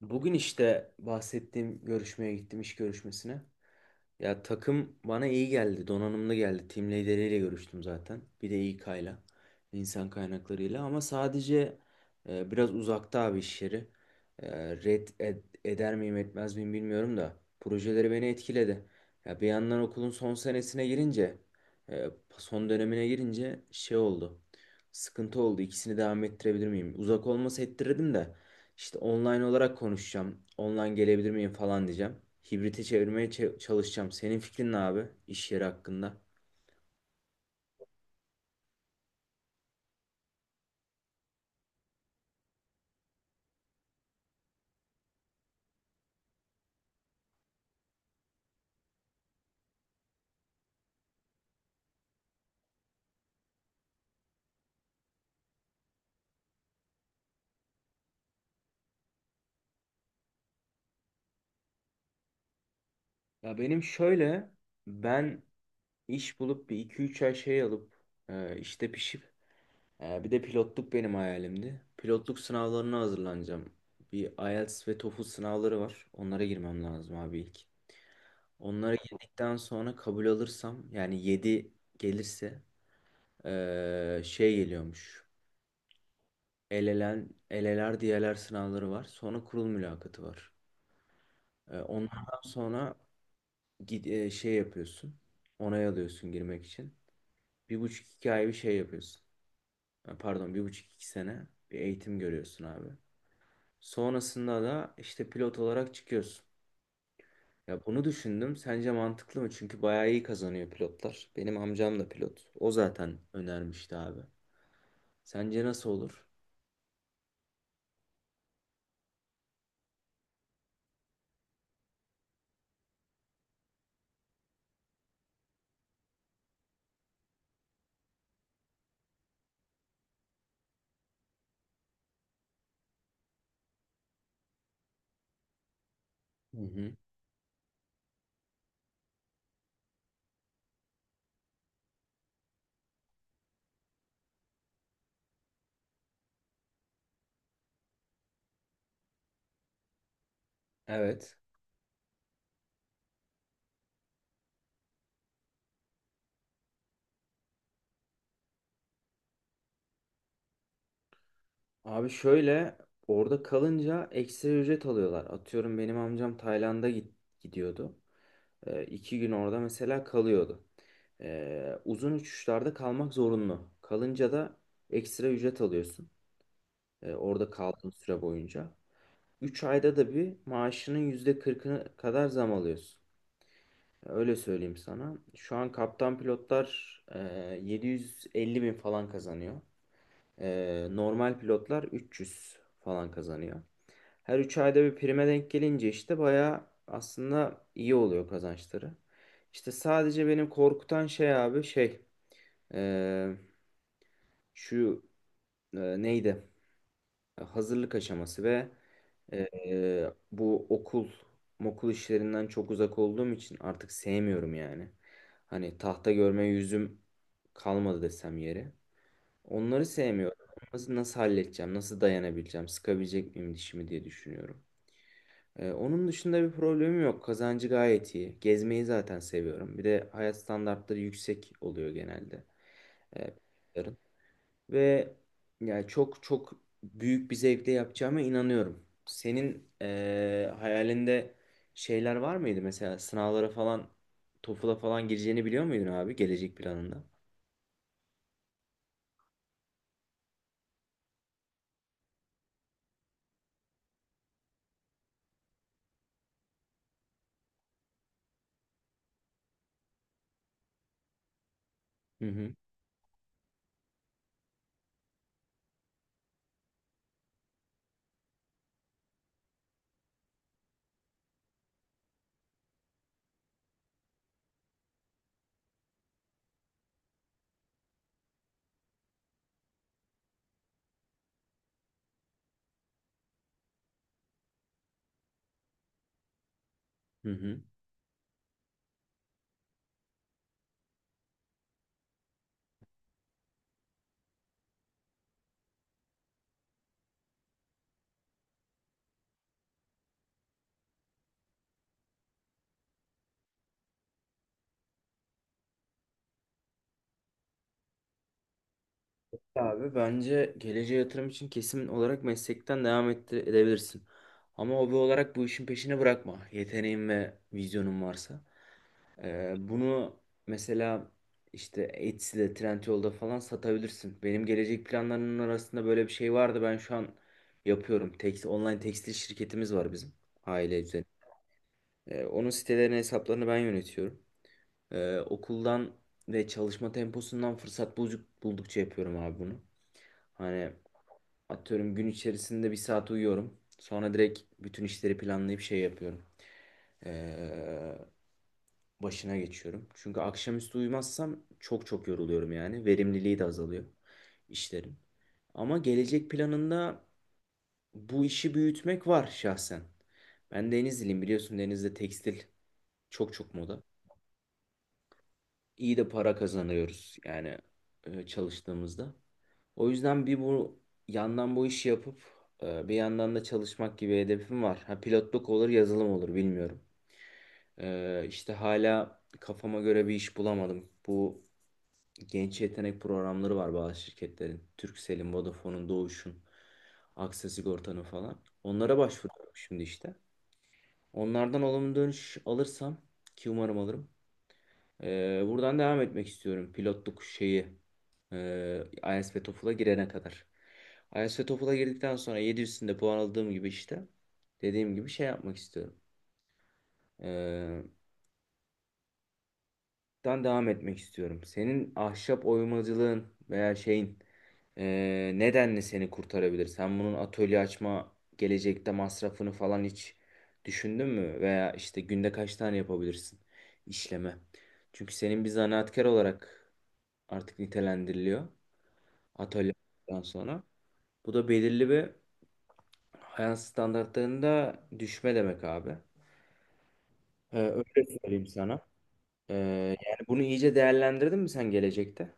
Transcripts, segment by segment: Bugün işte bahsettiğim görüşmeye gittim iş görüşmesine. Ya takım bana iyi geldi, donanımlı geldi. Team lideriyle görüştüm zaten. Bir de İK'yla, insan kaynaklarıyla. Ama sadece biraz uzakta abi iş yeri. Red eder miyim etmez miyim bilmiyorum da. Projeleri beni etkiledi. Ya bir yandan okulun son senesine girince, e, son dönemine girince şey oldu. Sıkıntı oldu. İkisini devam ettirebilir miyim? Uzak olması ettirirdim de. İşte online olarak konuşacağım. Online gelebilir miyim falan diyeceğim. Hibrite çevirmeye çalışacağım. Senin fikrin ne abi iş yeri hakkında? Ya benim şöyle ben iş bulup bir iki üç ay şey alıp işte pişip bir de pilotluk benim hayalimdi. Pilotluk sınavlarına hazırlanacağım. Bir IELTS ve TOEFL sınavları var. Onlara girmem lazım abi ilk. Onlara girdikten sonra kabul alırsam yani 7 gelirse şey geliyormuş. Elelen, eleler diyeler sınavları var. Sonra kurul mülakatı var. Onlardan sonra şey yapıyorsun. Onay alıyorsun girmek için. Bir buçuk iki ay bir şey yapıyorsun. Pardon, bir buçuk iki sene bir eğitim görüyorsun abi. Sonrasında da işte pilot olarak çıkıyorsun. Ya bunu düşündüm. Sence mantıklı mı? Çünkü bayağı iyi kazanıyor pilotlar. Benim amcam da pilot. O zaten önermişti abi. Sence nasıl olur? Hı hı. Evet. Abi şöyle, orada kalınca ekstra ücret alıyorlar. Atıyorum benim amcam Tayland'a gidiyordu. İki gün orada mesela kalıyordu. Uzun uçuşlarda kalmak zorunlu. Kalınca da ekstra ücret alıyorsun. Orada kaldığın süre boyunca. 3 ayda da bir maaşının %40'ını kadar zam alıyorsun. Öyle söyleyeyim sana. Şu an kaptan pilotlar 750 bin falan kazanıyor. Normal pilotlar 300 falan kazanıyor. Her 3 ayda bir prime denk gelince işte bayağı aslında iyi oluyor kazançları. İşte sadece benim korkutan şey abi, şey ee, şu neydi? Hazırlık aşaması ve bu okul mokul işlerinden çok uzak olduğum için artık sevmiyorum yani. Hani tahta görme yüzüm kalmadı desem yeri. Onları sevmiyorum. Nasıl, nasıl halledeceğim? Nasıl dayanabileceğim? Sıkabilecek miyim dişimi diye düşünüyorum. Onun dışında bir problemim yok. Kazancı gayet iyi. Gezmeyi zaten seviyorum. Bir de hayat standartları yüksek oluyor genelde. Ee, Bunların. Ve yani çok çok büyük bir zevkle yapacağıma inanıyorum. Senin hayalinde şeyler var mıydı? Mesela sınavlara falan, TOEFL'a falan gireceğini biliyor muydun abi gelecek planında? Hı hı. Hı hı. Abi bence geleceğe yatırım için kesin olarak meslekten devam edebilirsin. Ama hobi olarak bu işin peşini bırakma. Yeteneğin ve vizyonun varsa. Bunu mesela işte Etsy'de, Trendyol'da falan satabilirsin. Benim gelecek planlarımın arasında böyle bir şey vardı. Ben şu an yapıyorum. Online tekstil şirketimiz var bizim aile üzerine. Onun sitelerine hesaplarını ben yönetiyorum. Okuldan ve çalışma temposundan fırsat buldukça yapıyorum abi bunu. Hani atıyorum gün içerisinde bir saat uyuyorum. Sonra direkt bütün işleri planlayıp şey yapıyorum. Ee, Başına geçiyorum. Çünkü akşamüstü uyumazsam çok çok yoruluyorum yani. Verimliliği de azalıyor işlerin. Ama gelecek planında bu işi büyütmek var şahsen. Ben Denizliliyim, biliyorsun, Denizli'de tekstil çok çok moda. İyi de para kazanıyoruz yani çalıştığımızda. O yüzden bir bu yandan bu işi yapıp bir yandan da çalışmak gibi hedefim var. Ha pilotluk olur, yazılım olur, bilmiyorum. İşte hala kafama göre bir iş bulamadım. Bu genç yetenek programları var bazı şirketlerin. Turkcell'in, Vodafone'un, Doğuş'un, Aksa Sigorta'nın falan. Onlara başvuruyorum şimdi işte. Onlardan olumlu dönüş alırsam, ki umarım alırım. Buradan devam etmek istiyorum. Pilotluk şeyi. IELTS ve TOEFL'a girene kadar. IELTS ve TOEFL'a girdikten sonra 700'ünde puan aldığım gibi işte. Dediğim gibi şey yapmak istiyorum. Ee, Buradan devam etmek istiyorum. Senin ahşap oymacılığın veya şeyin nedenle seni kurtarabilir? Sen bunun atölye açma gelecekte masrafını falan hiç düşündün mü? Veya işte günde kaç tane yapabilirsin işleme? Çünkü senin bir zanaatkar olarak artık nitelendiriliyor atölyeden sonra. Bu da belirli bir hayat standartlarında düşme demek abi. Öyle söyleyeyim sana. Ee, Yani bunu iyice değerlendirdin mi sen gelecekte?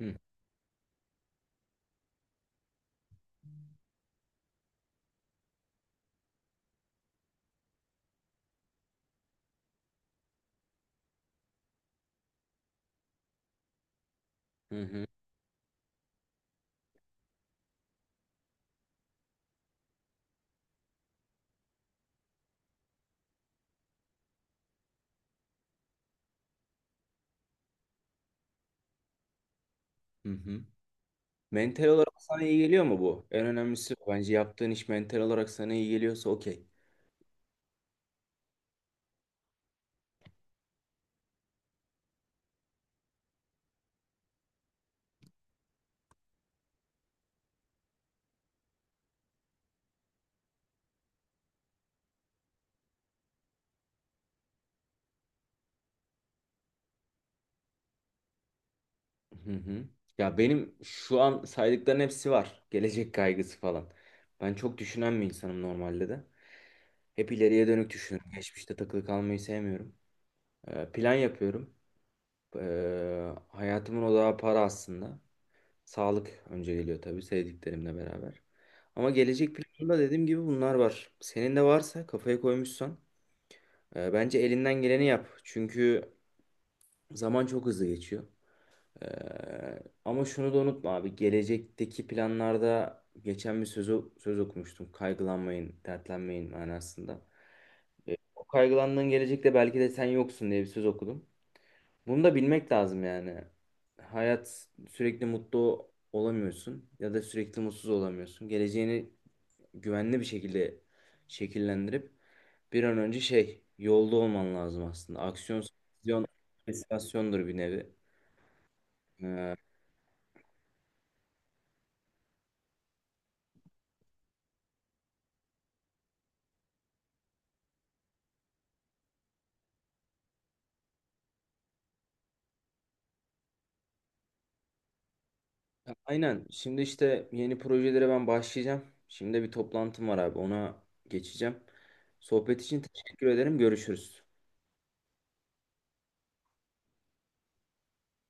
Hı hı hı. Hı hı. Mental olarak sana iyi geliyor mu bu? En önemlisi bu. Bence yaptığın iş mental olarak sana iyi geliyorsa okey. Hı hı. Ya benim şu an saydıkların hepsi var. Gelecek kaygısı falan. Ben çok düşünen bir insanım normalde de. Hep ileriye dönük düşünüyorum. Geçmişte takılı kalmayı sevmiyorum. Plan yapıyorum. Hayatımın odağı para aslında. Sağlık önce geliyor tabii, sevdiklerimle beraber. Ama gelecek planında dediğim gibi bunlar var. Senin de varsa, kafaya koymuşsan, bence elinden geleni yap. Çünkü zaman çok hızlı geçiyor. Ama şunu da unutma abi. Gelecekteki planlarda geçen bir söz okumuştum. Kaygılanmayın, dertlenmeyin manasında. O kaygılandığın gelecekte belki de sen yoksun diye bir söz okudum. Bunu da bilmek lazım yani. Hayat, sürekli mutlu olamıyorsun ya da sürekli mutsuz olamıyorsun. Geleceğini güvenli bir şekilde şekillendirip bir an önce şey yolda olman lazım aslında. Aksiyon, vizyon, motivasyondur bir nevi. Ee, aynen. Şimdi işte yeni projelere ben başlayacağım. Şimdi bir toplantım var abi. Ona geçeceğim. Sohbet için teşekkür ederim. Görüşürüz.